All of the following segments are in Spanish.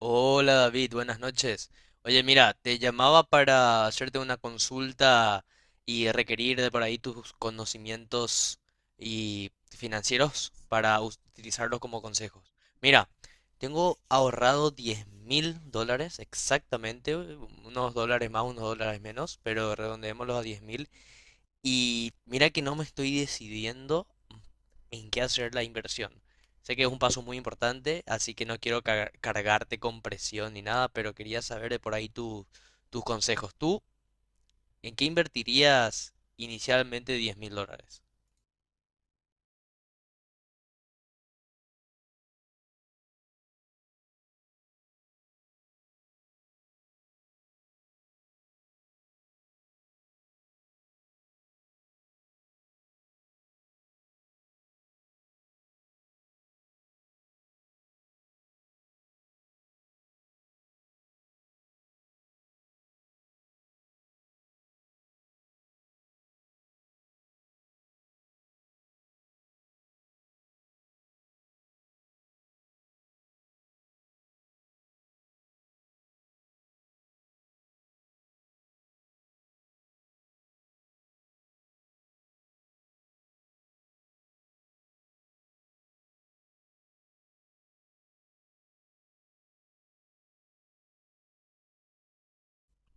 Hola David, buenas noches. Oye, mira, te llamaba para hacerte una consulta y requerir de por ahí tus conocimientos y financieros para utilizarlos como consejos. Mira, tengo ahorrado $10.000 exactamente, unos dólares más, unos dólares menos, pero redondeémoslos a 10.000 y mira que no me estoy decidiendo en qué hacer la inversión. Sé que es un paso muy importante, así que no quiero cargarte con presión ni nada, pero quería saber de por ahí tus consejos. ¿Tú en qué invertirías inicialmente $10.000?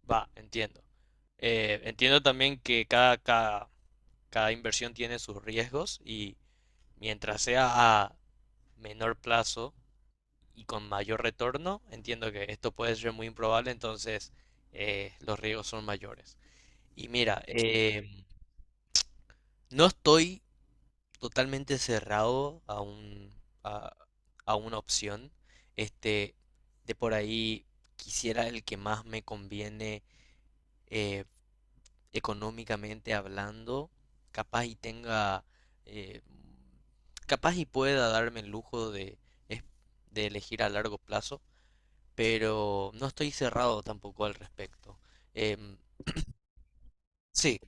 Va, entiendo. Entiendo también que cada inversión tiene sus riesgos y mientras sea a menor plazo, y con mayor retorno, entiendo que esto puede ser muy improbable, entonces los riesgos son mayores. Y mira, no estoy totalmente cerrado a, a una opción. Este, de por ahí quisiera el que más me conviene eh, económicamente hablando, capaz y tenga, eh, capaz y pueda darme el lujo es- de elegir a largo plazo. Pero no estoy cerrado tampoco al respecto. Em, sí,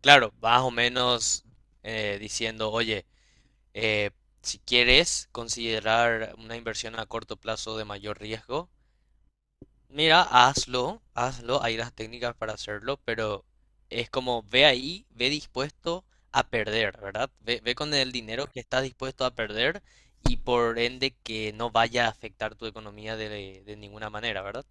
claro, más o menos diciendo, oye, eh, si quieres considerar una inversión a corto plazo de mayor riesgo, mira, hazlo, hazlo, hay las técnicas para hacerlo, pero es como ve ahí, ve dispuesto a perder, ¿verdad? Ve, ve con el dinero que estás dispuesto a perder y por ende que no vaya a afectar tu economía de ninguna manera, ¿verdad?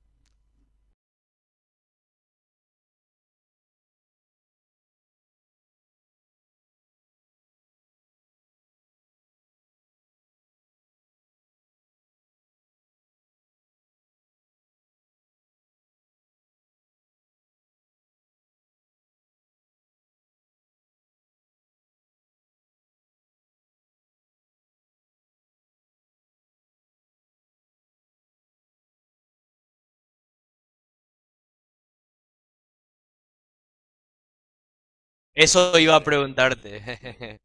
Eso iba a preguntarte.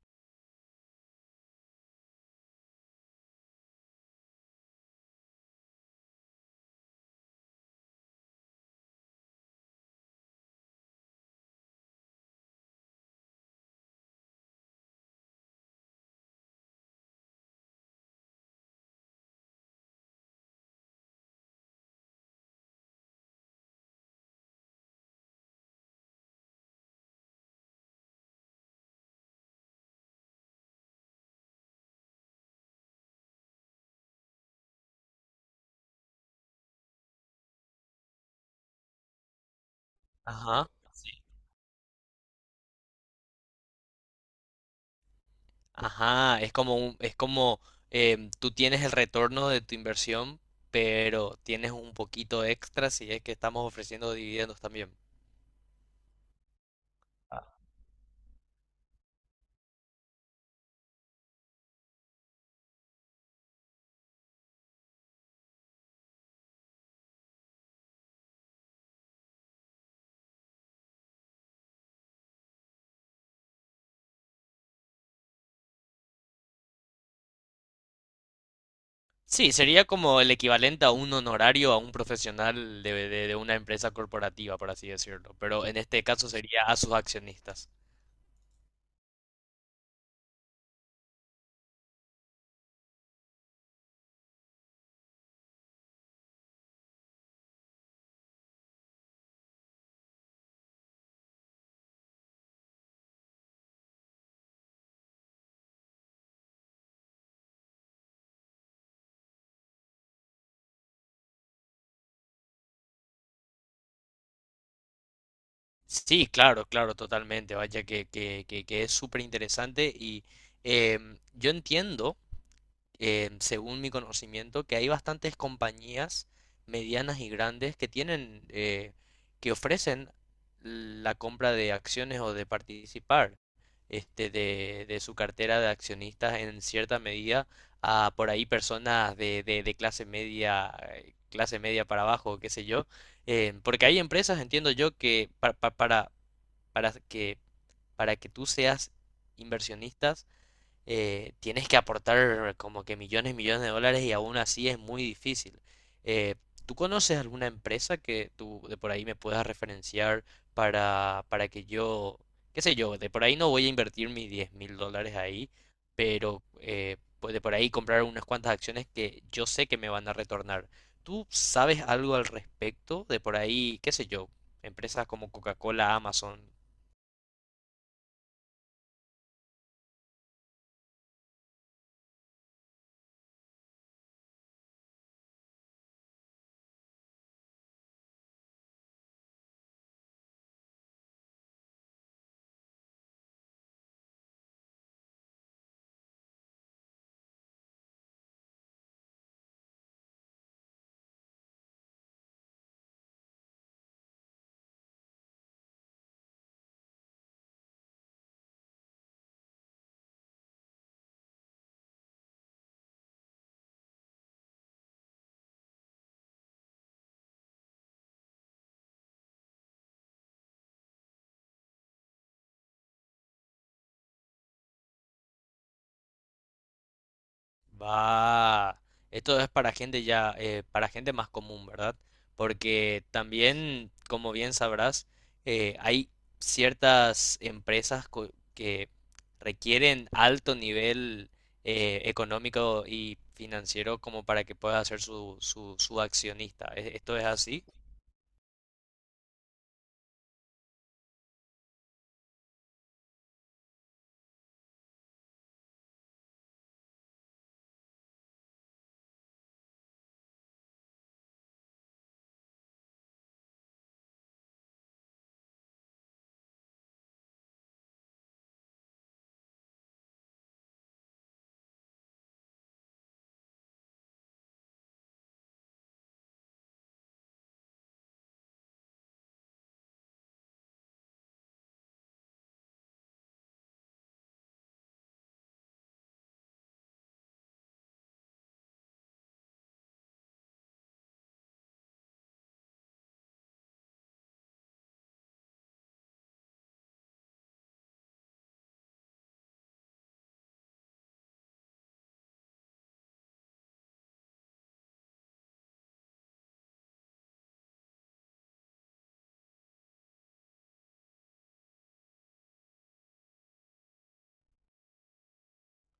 Ajá. Sí. Ajá, es como tú tienes el retorno de tu inversión, pero tienes un poquito extra si es que estamos ofreciendo dividendos también. Sí, sería como el equivalente a un honorario a un profesional de una empresa corporativa, por así decirlo, pero en este caso sería a sus accionistas. Sí, claro, claro, totalmente, vaya que es súper interesante y yo entiendo según mi conocimiento, que hay bastantes compañías medianas y grandes que tienen, que ofrecen la compra de acciones o de participar de su cartera de accionistas en cierta medida a por ahí personas de clase media para abajo, qué sé yo, porque hay empresas, entiendo yo, que para que para que tú seas inversionistas tienes que aportar como que millones y millones de dólares y aún así es muy difícil. Eh, ¿Tú conoces alguna empresa que tú de por ahí me puedas referenciar para que yo, qué sé yo, de por ahí no voy a invertir mis $10.000 ahí, pero pues de por ahí comprar unas cuantas acciones que yo sé que me van a retornar? ¿Tú sabes algo al respecto? De por ahí, qué sé yo, empresas como Coca-Cola, Amazon. Va. Esto es para gente ya, para gente más común, ¿verdad? Porque también, como bien sabrás, hay ciertas empresas que requieren alto nivel económico y financiero como para que pueda ser su accionista. ¿Esto es así?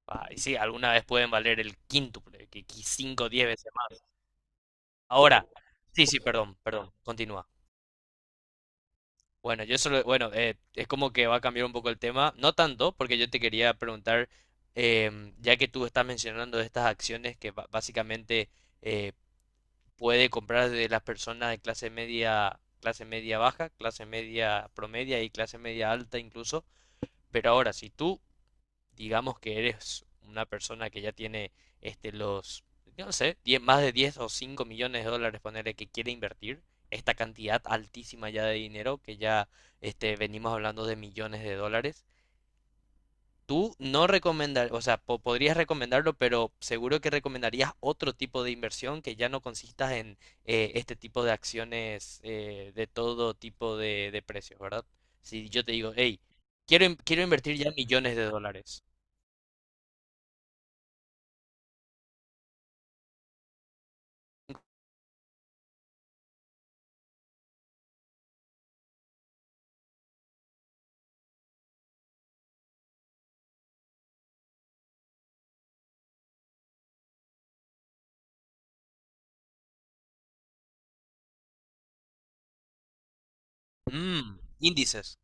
Ah, y sí, alguna vez pueden valer el quíntuple, que cinco, o 10 veces más. Ahora, sí, sí, perdón, perdón, continúa. Bueno, yo solo, bueno, es como que va a cambiar un poco el tema, no tanto, porque yo te quería preguntar, ya que tú estás mencionando estas acciones que básicamente eh, puede comprar de las personas de clase media baja, clase media promedia y clase media alta incluso, pero ahora, si tú digamos que eres una persona que ya tiene este, los, no sé, 10 más de 10 o 5 millones de dólares, ponerle que quiere invertir esta cantidad altísima ya de dinero, que ya venimos hablando de millones de dólares. Tú no recomendar, o sea, podrías recomendarlo, pero seguro que recomendarías otro tipo de inversión que ya no consista en este tipo de acciones de todo tipo de precios, ¿verdad? Si yo te digo, hey, quiero invertir ya millones de dólares. Índices.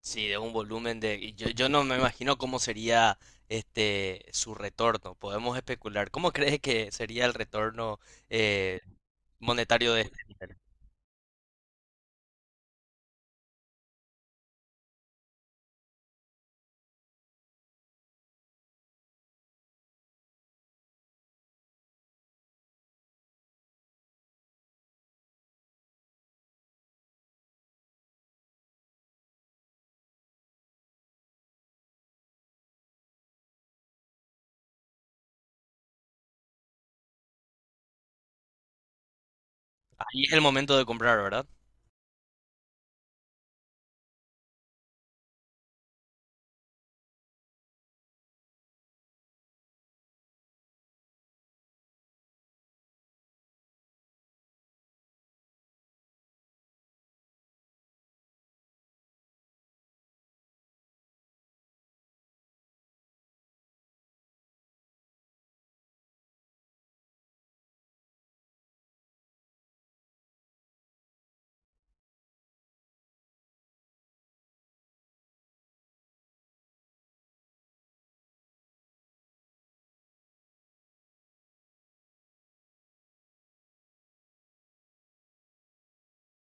Sí, de un volumen de, y yo no me imagino cómo sería su retorno. Podemos especular. ¿Cómo crees que sería el retorno eh, monetario de este nivel? Ahí es el momento de comprar, ¿verdad?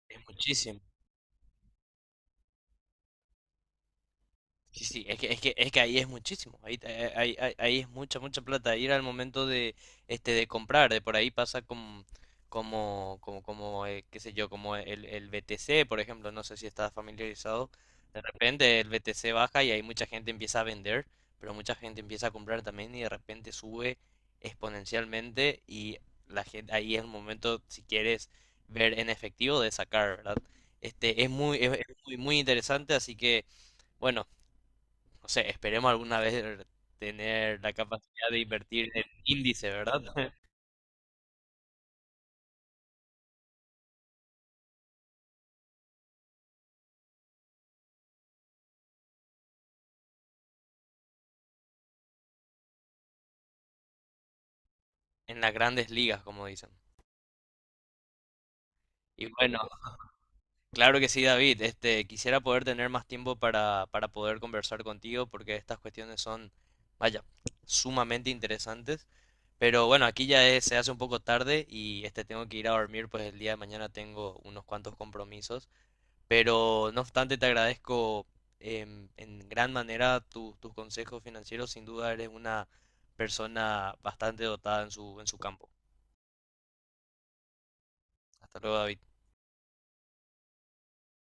Es muchísimo. Sí, sí, es que ahí es muchísimo, ahí es mucha, mucha plata, ahí era el momento de comprar, de por ahí pasa con, qué sé yo, como el BTC, por ejemplo, no sé si estás familiarizado, de repente el BTC baja y ahí mucha gente empieza a vender, pero mucha gente empieza a comprar también y de repente sube exponencialmente y la gente, ahí es el momento, si quieres ver en efectivo, de sacar, ¿verdad? Es muy, muy interesante, así que. Bueno, no sé, esperemos alguna vez tener la capacidad de invertir en índice, ¿verdad? En las grandes ligas, como dicen. Y bueno, claro que sí, David. Quisiera poder tener más tiempo para poder conversar contigo porque estas cuestiones son, vaya, sumamente interesantes. Pero bueno, aquí ya se hace un poco tarde y tengo que ir a dormir, pues el día de mañana tengo unos cuantos compromisos. Pero no obstante, te agradezco en gran manera tus consejos financieros. Sin duda eres una persona bastante dotada en su campo. Hasta luego, David.